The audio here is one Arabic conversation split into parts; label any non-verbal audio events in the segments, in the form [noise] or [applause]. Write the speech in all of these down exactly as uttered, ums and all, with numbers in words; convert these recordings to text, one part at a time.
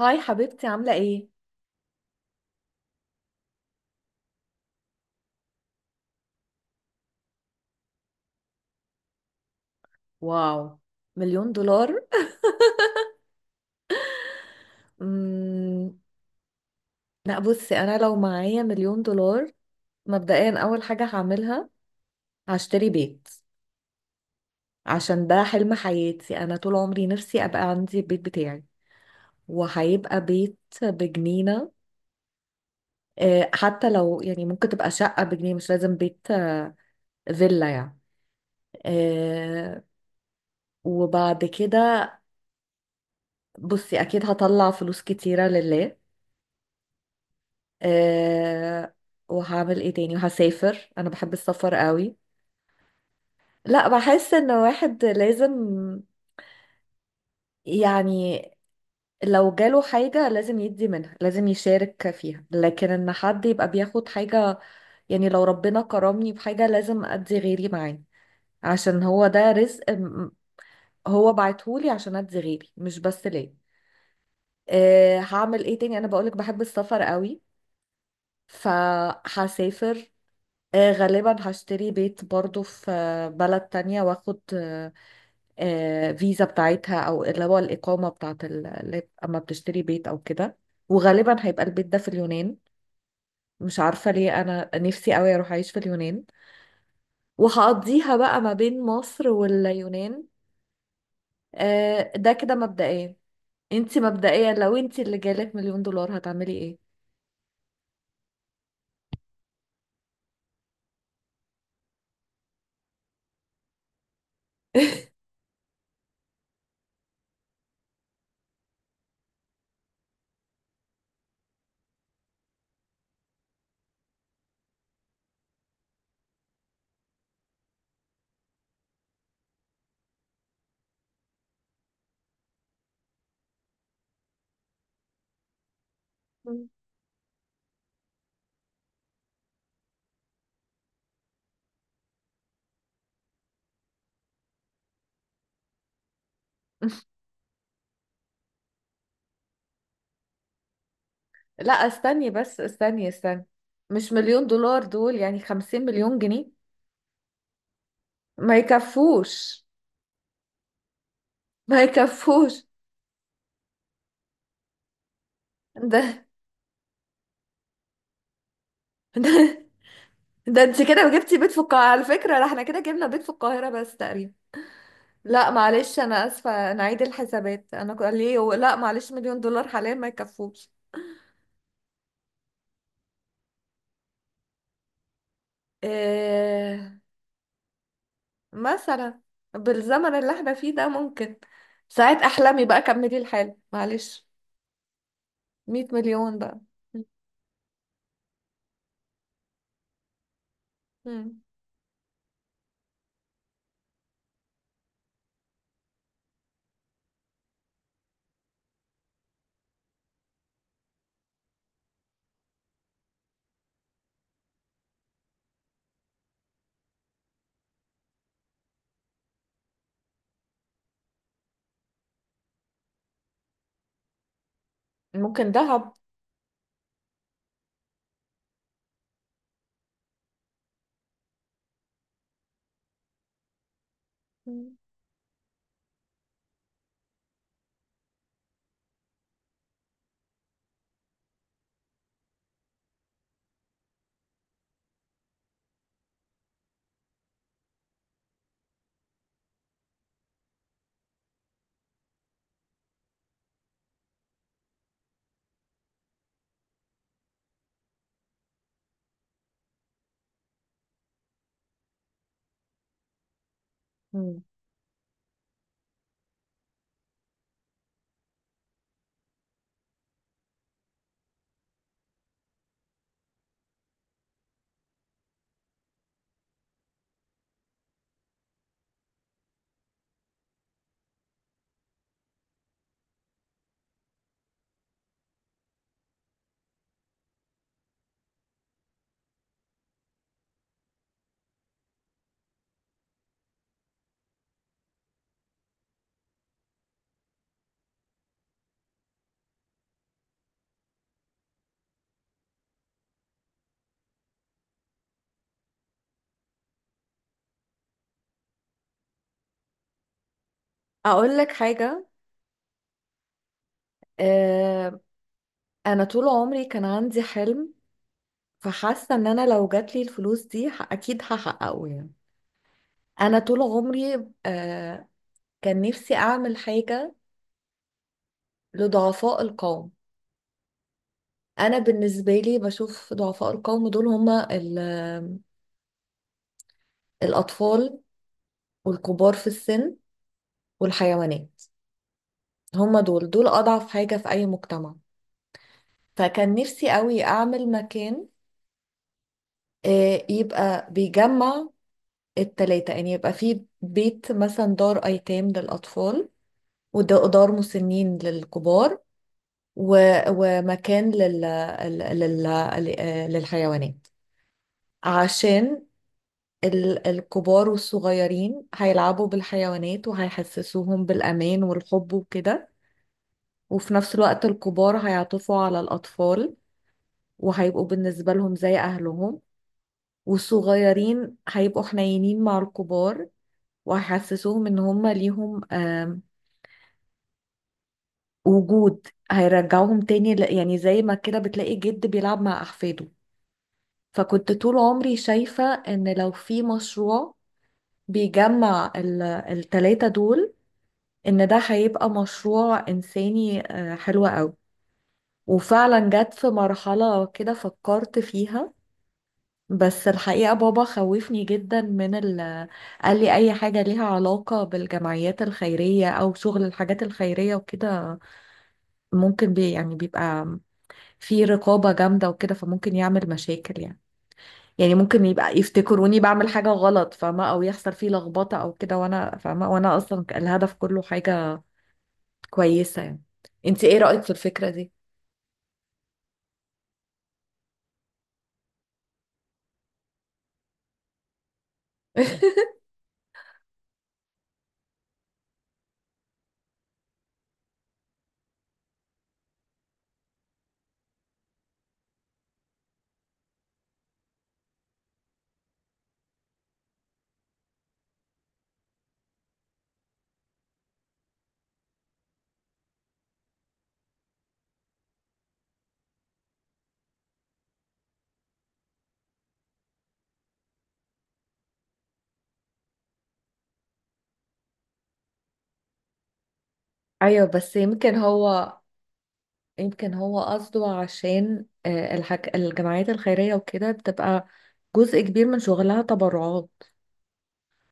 هاي حبيبتي، عاملة ايه؟ واو، مليون دولار. [laughs] مم. لا، بصي انا لو معايا مليون دولار مبدئيا اول حاجة هعملها هشتري بيت، عشان ده حلم حياتي، انا طول عمري نفسي ابقى عندي البيت بتاعي، وهيبقى بيت بجنينة. آه، حتى لو يعني ممكن تبقى شقة بجنيه، مش لازم بيت، آه، فيلا يعني. آه، وبعد كده بصي اكيد هطلع فلوس كتيرة لله. أه وهعمل ايه تاني، وهسافر، انا بحب السفر قوي. لا، بحس ان واحد لازم، يعني، لو جاله حاجة لازم يدي منها، لازم يشارك فيها، لكن ان حد يبقى بياخد حاجة، يعني لو ربنا كرمني بحاجة لازم ادي غيري معاه، عشان هو ده رزق م- هو بعتهولي عشان ادي غيري مش بس ليه. أه هعمل ايه تاني، انا بقولك بحب السفر قوي، فهسافر. آه، غالبا هشتري بيت برضو في آه، بلد تانية، واخد آه، آه، فيزا بتاعتها، او اللي هو الإقامة بتاعت ال- اللي اما بتشتري بيت او كده، وغالبا هيبقى البيت ده في اليونان، مش عارفة ليه انا نفسي قوي اروح اعيش في اليونان، وهقضيها بقى ما بين مصر واليونان. آه، ده كده مبدئيا. انتي مبدئيا لو انتي اللي جالك مليون دولار، هتعملي ايه؟ [laughs] لا استني بس استني استني. مش مليون دولار دول يعني خمسين مليون جنيه. ما يكفوش، ما يكفوش. ده ده ده انت كده جبتي بيت في القاهرة على فكرة، لا احنا كده جبنا بيت في القاهرة بس تقريبا. لا معلش، انا اسفة، انا عيد الحسابات، انا ك- ليه و- لا معلش مليون دولار حاليا ما يكفوش. إيه مثلا بالزمن اللي احنا فيه ده ممكن، ساعات احلامي بقى، كملي الحال معلش. ميت مليون بقى. مم. ممكن ذهب. مم. اقول لك حاجة. آه، انا طول عمري كان عندي حلم، فحاسه ان انا لو جاتلي الفلوس دي ه- اكيد هحققه يعني. انا طول عمري آه كان نفسي اعمل حاجه لضعفاء القوم. انا بالنسبه لي بشوف ضعفاء القوم دول هما ال- الاطفال، والكبار في السن، والحيوانات. هما دول دول اضعف حاجه في اي مجتمع، فكان نفسي قوي اعمل مكان آه يبقى بيجمع التلاتة، يعني يبقى فيه بيت مثلا دار ايتام للاطفال، ودار مسنين للكبار، و- ومكان لل... لل... لل... للحيوانات، عشان ال- الكبار والصغيرين هيلعبوا بالحيوانات وهيحسسوهم بالأمان والحب وكده، وفي نفس الوقت الكبار هيعطفوا على الأطفال وهيبقوا بالنسبة لهم زي أهلهم، والصغيرين هيبقوا حنينين مع الكبار وهيحسسوهم إن هما ليهم آم، وجود، هيرجعوهم تاني ل- يعني زي ما كده بتلاقي جد بيلعب مع أحفاده. فكنت طول عمري شايفة ان لو في مشروع بيجمع ال- التلاتة دول، ان ده هيبقى مشروع انساني آه، حلو قوي. وفعلا جت في مرحلة كده فكرت فيها، بس الحقيقة بابا خوفني جدا من ال قال لي أي حاجة ليها علاقة بالجمعيات الخيرية أو شغل الحاجات الخيرية وكده ممكن بي يعني بيبقى في رقابة جامدة وكده، فممكن يعمل مشاكل يعني. يعني ممكن يبقى يفتكروني بعمل حاجة غلط، فاهمة، او يحصل فيه لخبطة او كده، وانا فاهمة وانا اصلا الهدف كله حاجة كويسة يعني. انت ايه رأيك في الفكرة دي؟ [laughs] ايوه بس يمكن هو يمكن هو قصده عشان آه، الحك... الجمعيات الخيرية وكده بتبقى جزء كبير من شغلها تبرعات،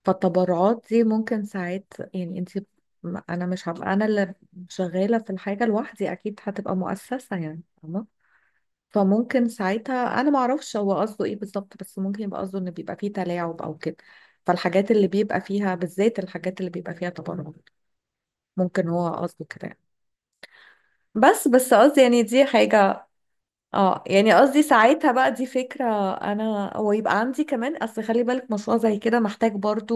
فالتبرعات دي ممكن ساعات يعني انت انا مش هبقى انا اللي شغالة في الحاجة لوحدي، اكيد هتبقى مؤسسة، يعني فاهمة. فممكن ساعتها انا ما اعرفش هو قصده ايه بالظبط، بس ممكن يبقى قصده ان بيبقى فيه تلاعب او كده، فالحاجات اللي بيبقى فيها بالذات الحاجات اللي بيبقى فيها تبرع، ممكن هو قصده كده يعني. بس بس قصدي يعني دي حاجة، اه يعني قصدي ساعتها بقى دي فكرة انا، ويبقى عندي كمان، اصل خلي بالك مشروع زي كده محتاج برضو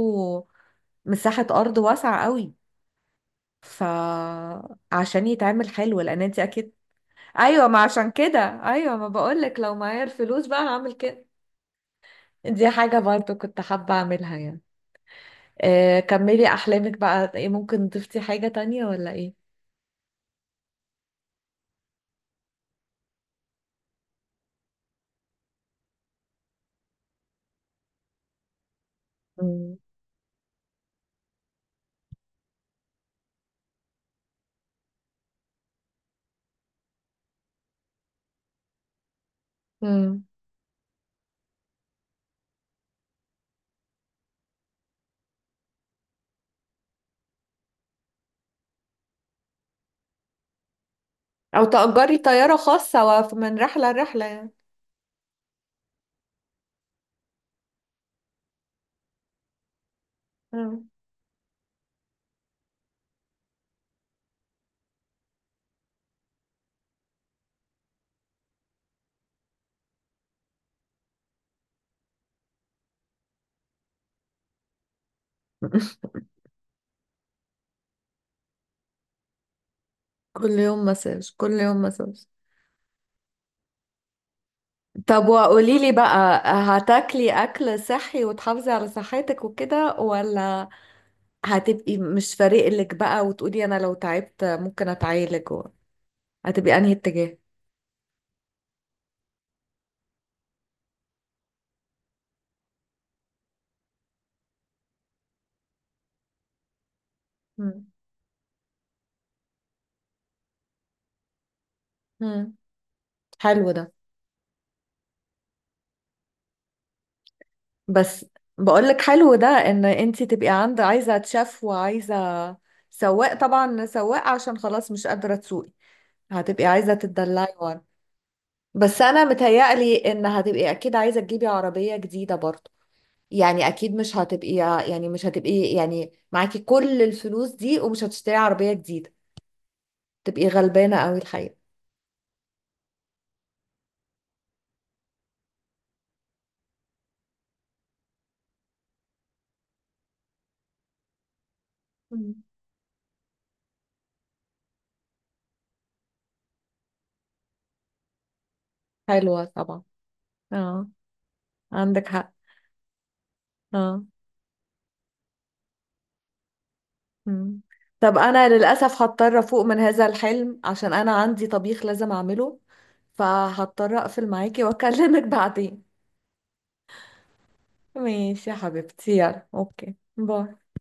مساحة أرض واسعة قوي فعشان يتعمل حلو، لأن أنت أكيد. أيوة ما عشان كده، أيوة ما بقولك لو معايا الفلوس بقى هعمل كده. دي حاجة برضو كنت حابة أعملها يعني. آه، كملي أحلامك بقى، إيه ممكن ضفتي حاجة تانية ولا إيه؟ مم. مم. أو تأجري طيارة خاصة وف- من رحلة لرحلة يعني. مم. [laughs] كل يوم مساج، كل يوم مساج. طب وقولي لي بقى، هتاكلي اكل صحي وتحافظي على صحتك وكده، ولا هتبقي مش فارق لك بقى وتقولي انا لو تعبت ممكن اتعالج و- هتبقي انهي اتجاه؟ مم. مم. حلو ده. بس بقولك حلو ده ان انتي تبقي عند عايزة تشاف، وعايزة سواق، طبعا سواق عشان خلاص مش قادرة تسوقي، هتبقي عايزة تتدلعي ورا. بس انا متهيألي ان هتبقي اكيد عايزة تجيبي عربية جديدة برضه، يعني اكيد مش هتبقي، يعني مش هتبقي يعني معاكي كل الفلوس دي ومش هتشتري عربية جديدة، تبقي غلبانة قوي الحقيقة. مم. حلوة طبعا. اه، عندك حق. اه. مم. طب انا للاسف هضطر افوق من هذا الحلم عشان انا عندي طبيخ لازم اعمله، فهضطر اقفل معاكي واكلمك بعدين. ماشي يا حبيبتي، يلا اوكي، باي.